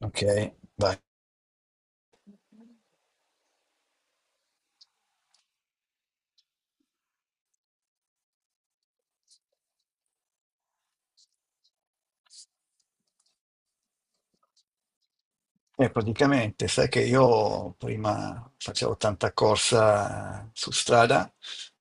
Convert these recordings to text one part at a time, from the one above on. Ok, vai. E praticamente, sai che io prima facevo tanta corsa su strada,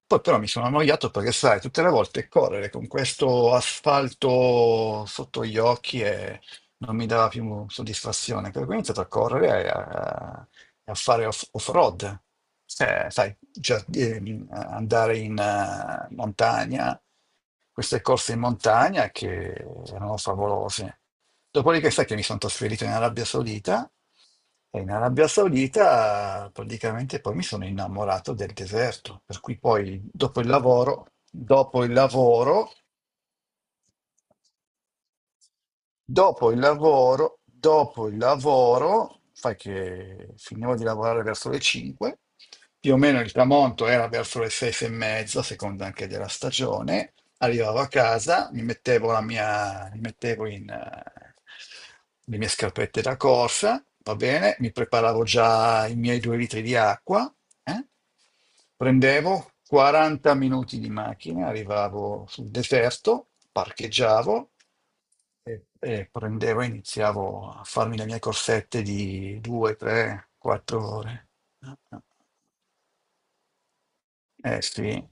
poi però mi sono annoiato perché, sai, tutte le volte correre con questo asfalto sotto gli occhi e non mi dava più soddisfazione. Per cui ho iniziato a correre e a fare off-road. Sai, andare in montagna, queste corse in montagna che erano favolose. Dopodiché sai che mi sono trasferito in Arabia Saudita e in Arabia Saudita praticamente poi mi sono innamorato del deserto, per cui poi dopo il lavoro, dopo il lavoro, dopo il lavoro, dopo il lavoro, sai che finivo di lavorare verso le 5, più o meno il tramonto era verso le 6 e mezza, a seconda anche della stagione. Arrivavo a casa, mi mettevo le mie scarpette da corsa, va bene, mi preparavo già i miei 2 litri di acqua, eh. Prendevo 40 minuti di macchina, arrivavo sul deserto, parcheggiavo e prendevo e iniziavo a farmi le mie corsette di 2, 3, 4 ore. Eh sì.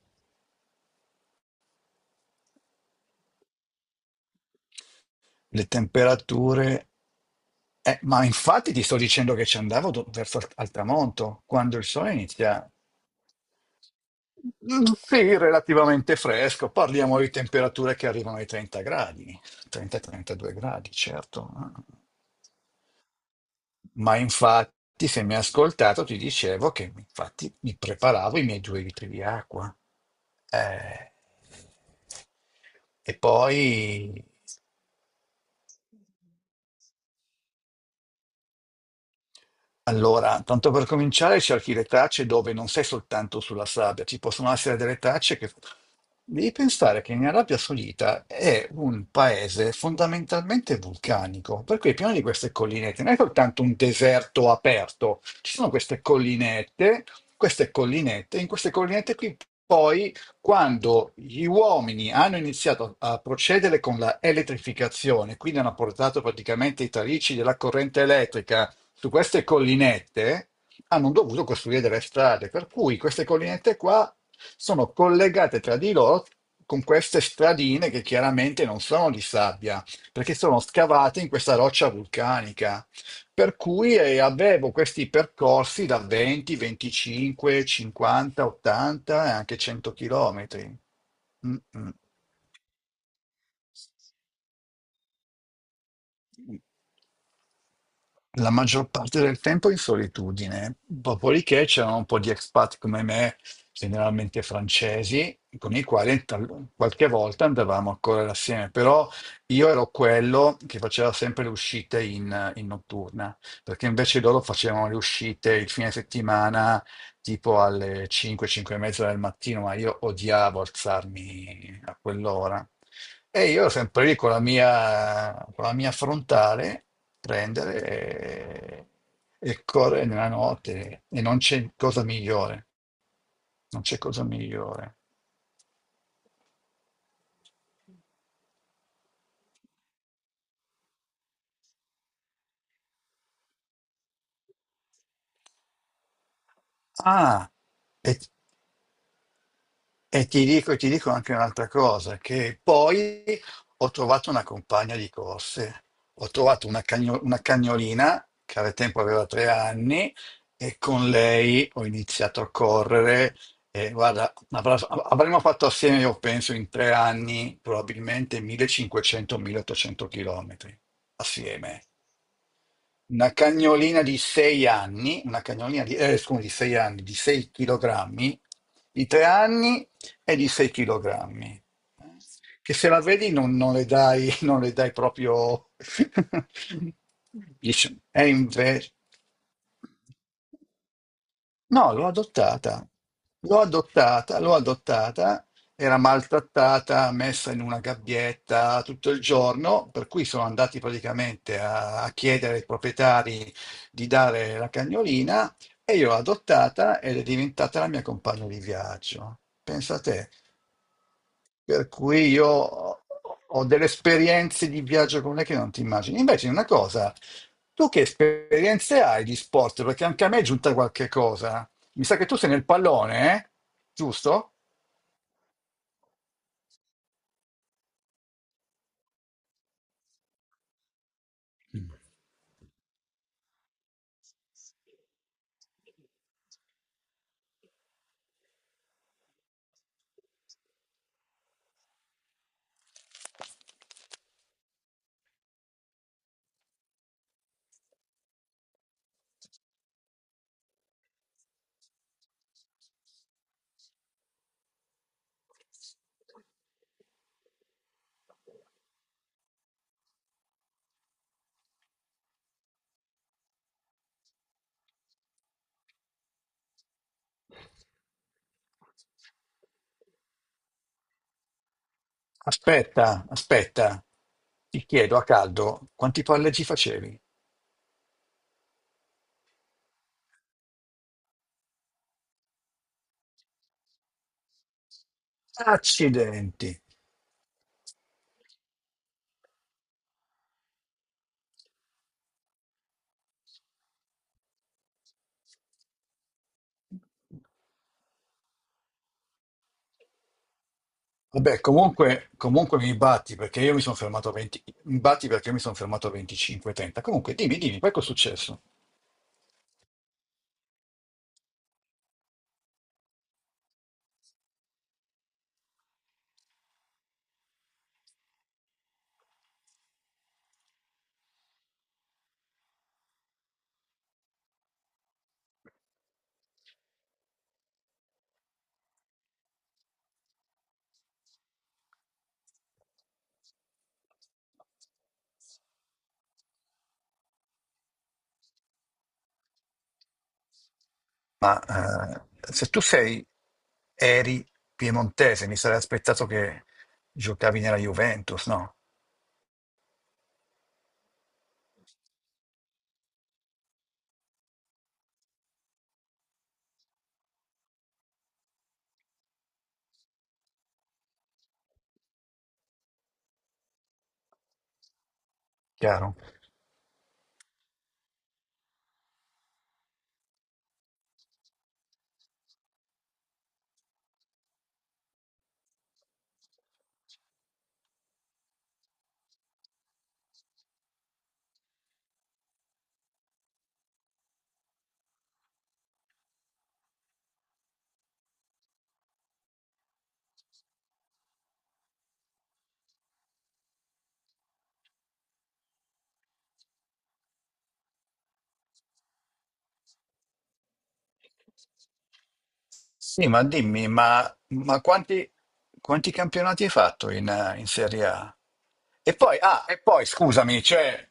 Le temperature. Ma infatti ti sto dicendo che ci andavo verso al tramonto, quando il sole inizia. Mm, sì, relativamente fresco, parliamo di temperature che arrivano ai 30 gradi, 30-32 gradi, certo. Ma infatti, se mi hai ascoltato, ti dicevo che infatti mi preparavo i miei due litri di acqua. Eh, e poi. Allora, tanto per cominciare, cerchi le tracce dove non sei soltanto sulla sabbia, ci possono essere delle tracce che. Devi pensare che in Arabia Saudita è un paese fondamentalmente vulcanico, per cui è pieno di queste collinette, non è soltanto un deserto aperto, ci sono queste collinette, in queste collinette qui poi quando gli uomini hanno iniziato a procedere con la elettrificazione, quindi hanno portato praticamente i tarici della corrente elettrica su queste collinette, hanno dovuto costruire delle strade, per cui queste collinette qua sono collegate tra di loro con queste stradine che chiaramente non sono di sabbia, perché sono scavate in questa roccia vulcanica. Per cui avevo questi percorsi da 20, 25, 50, 80 e anche 100 chilometri. Mm, mm. La maggior parte del tempo in solitudine, dopodiché c'erano un po' di expat come me, generalmente francesi, con i quali qualche volta andavamo a correre assieme, però io ero quello che faceva sempre le uscite in notturna, perché invece loro facevano le uscite il fine settimana tipo alle 5, 5 e mezza del mattino, ma io odiavo alzarmi a quell'ora. E io ero sempre lì con la mia frontale, prendere e correre nella notte. E non c'è cosa migliore. Non c'è cosa migliore. Ah, e, E ti dico anche un'altra cosa, che poi ho trovato una compagna di corse, ho trovato una cagnolina che al tempo aveva 3 anni e con lei ho iniziato a correre e guarda, avremmo fatto assieme, io penso, in 3 anni probabilmente 1500-1800 km assieme. Una cagnolina di 6 anni, una cagnolina di, scusi, di 6 anni, di 6 kg, di 3 anni e di 6 kg. Che se la vedi non le dai, non le dai proprio... Dici, è invece... No, l'ho adottata, l'ho adottata, l'ho adottata, era maltrattata, messa in una gabbietta tutto il giorno, per cui sono andati praticamente a, a chiedere ai proprietari di dare la cagnolina e io l'ho adottata ed è diventata la mia compagna di viaggio. Pensa a te, per cui io ho delle esperienze di viaggio con lei che non ti immagini. Invece una cosa, tu che esperienze hai di sport? Perché anche a me è giunta qualche cosa. Mi sa che tu sei nel pallone, eh? Giusto? Aspetta, aspetta. Ti chiedo a caldo quanti palleggi facevi? Accidenti. Vabbè, comunque mi batti perché io mi sono fermato a 20, mi batti perché io mi sono fermato a 25-30. Comunque, dimmi, dimmi, poi cosa è successo? Ma se tu sei, eri piemontese, mi sarei aspettato che giocavi nella Juventus, no? Chiaro? Sì, ma dimmi, ma quanti campionati hai fatto in Serie A? E poi scusami, cioè,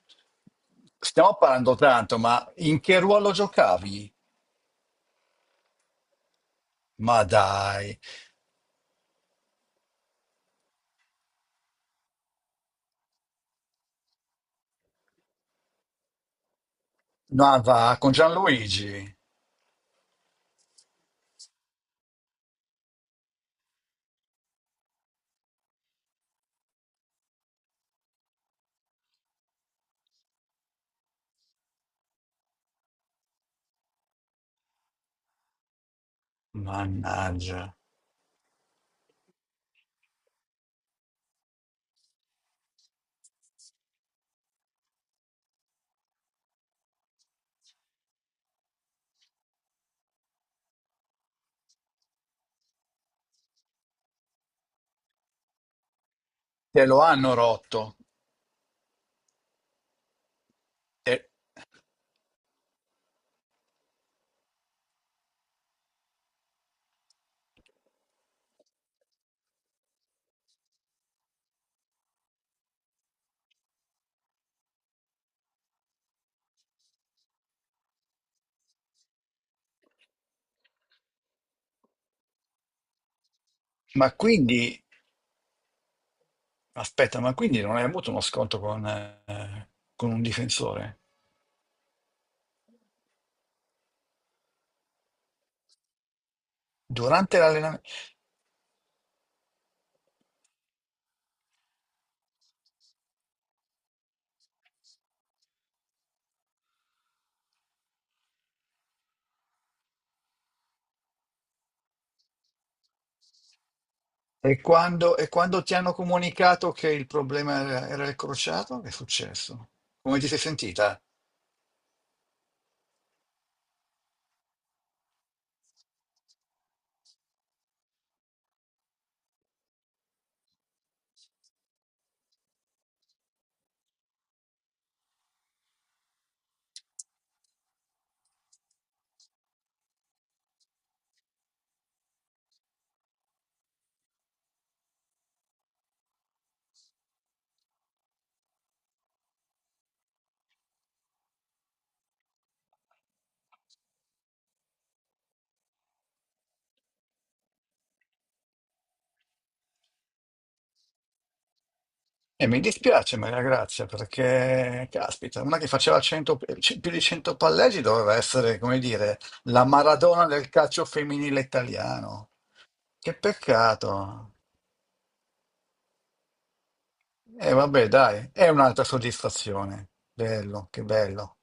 stiamo parlando tanto, ma in che ruolo giocavi? Ma dai, no, va con Gianluigi. Mannaggia, te lo hanno rotto. E- ma quindi, aspetta, ma quindi non hai avuto uno scontro con un difensore? Durante l'allenamento? E quando, ti hanno comunicato che il problema era il crociato, che è successo? Come ti sei sentita? E mi dispiace, Maria Grazia, perché, caspita, una che faceva 100 più di 100 palleggi doveva essere, come dire, la Maradona del calcio femminile italiano. Che peccato. E vabbè, dai, è un'altra soddisfazione. Bello, che bello.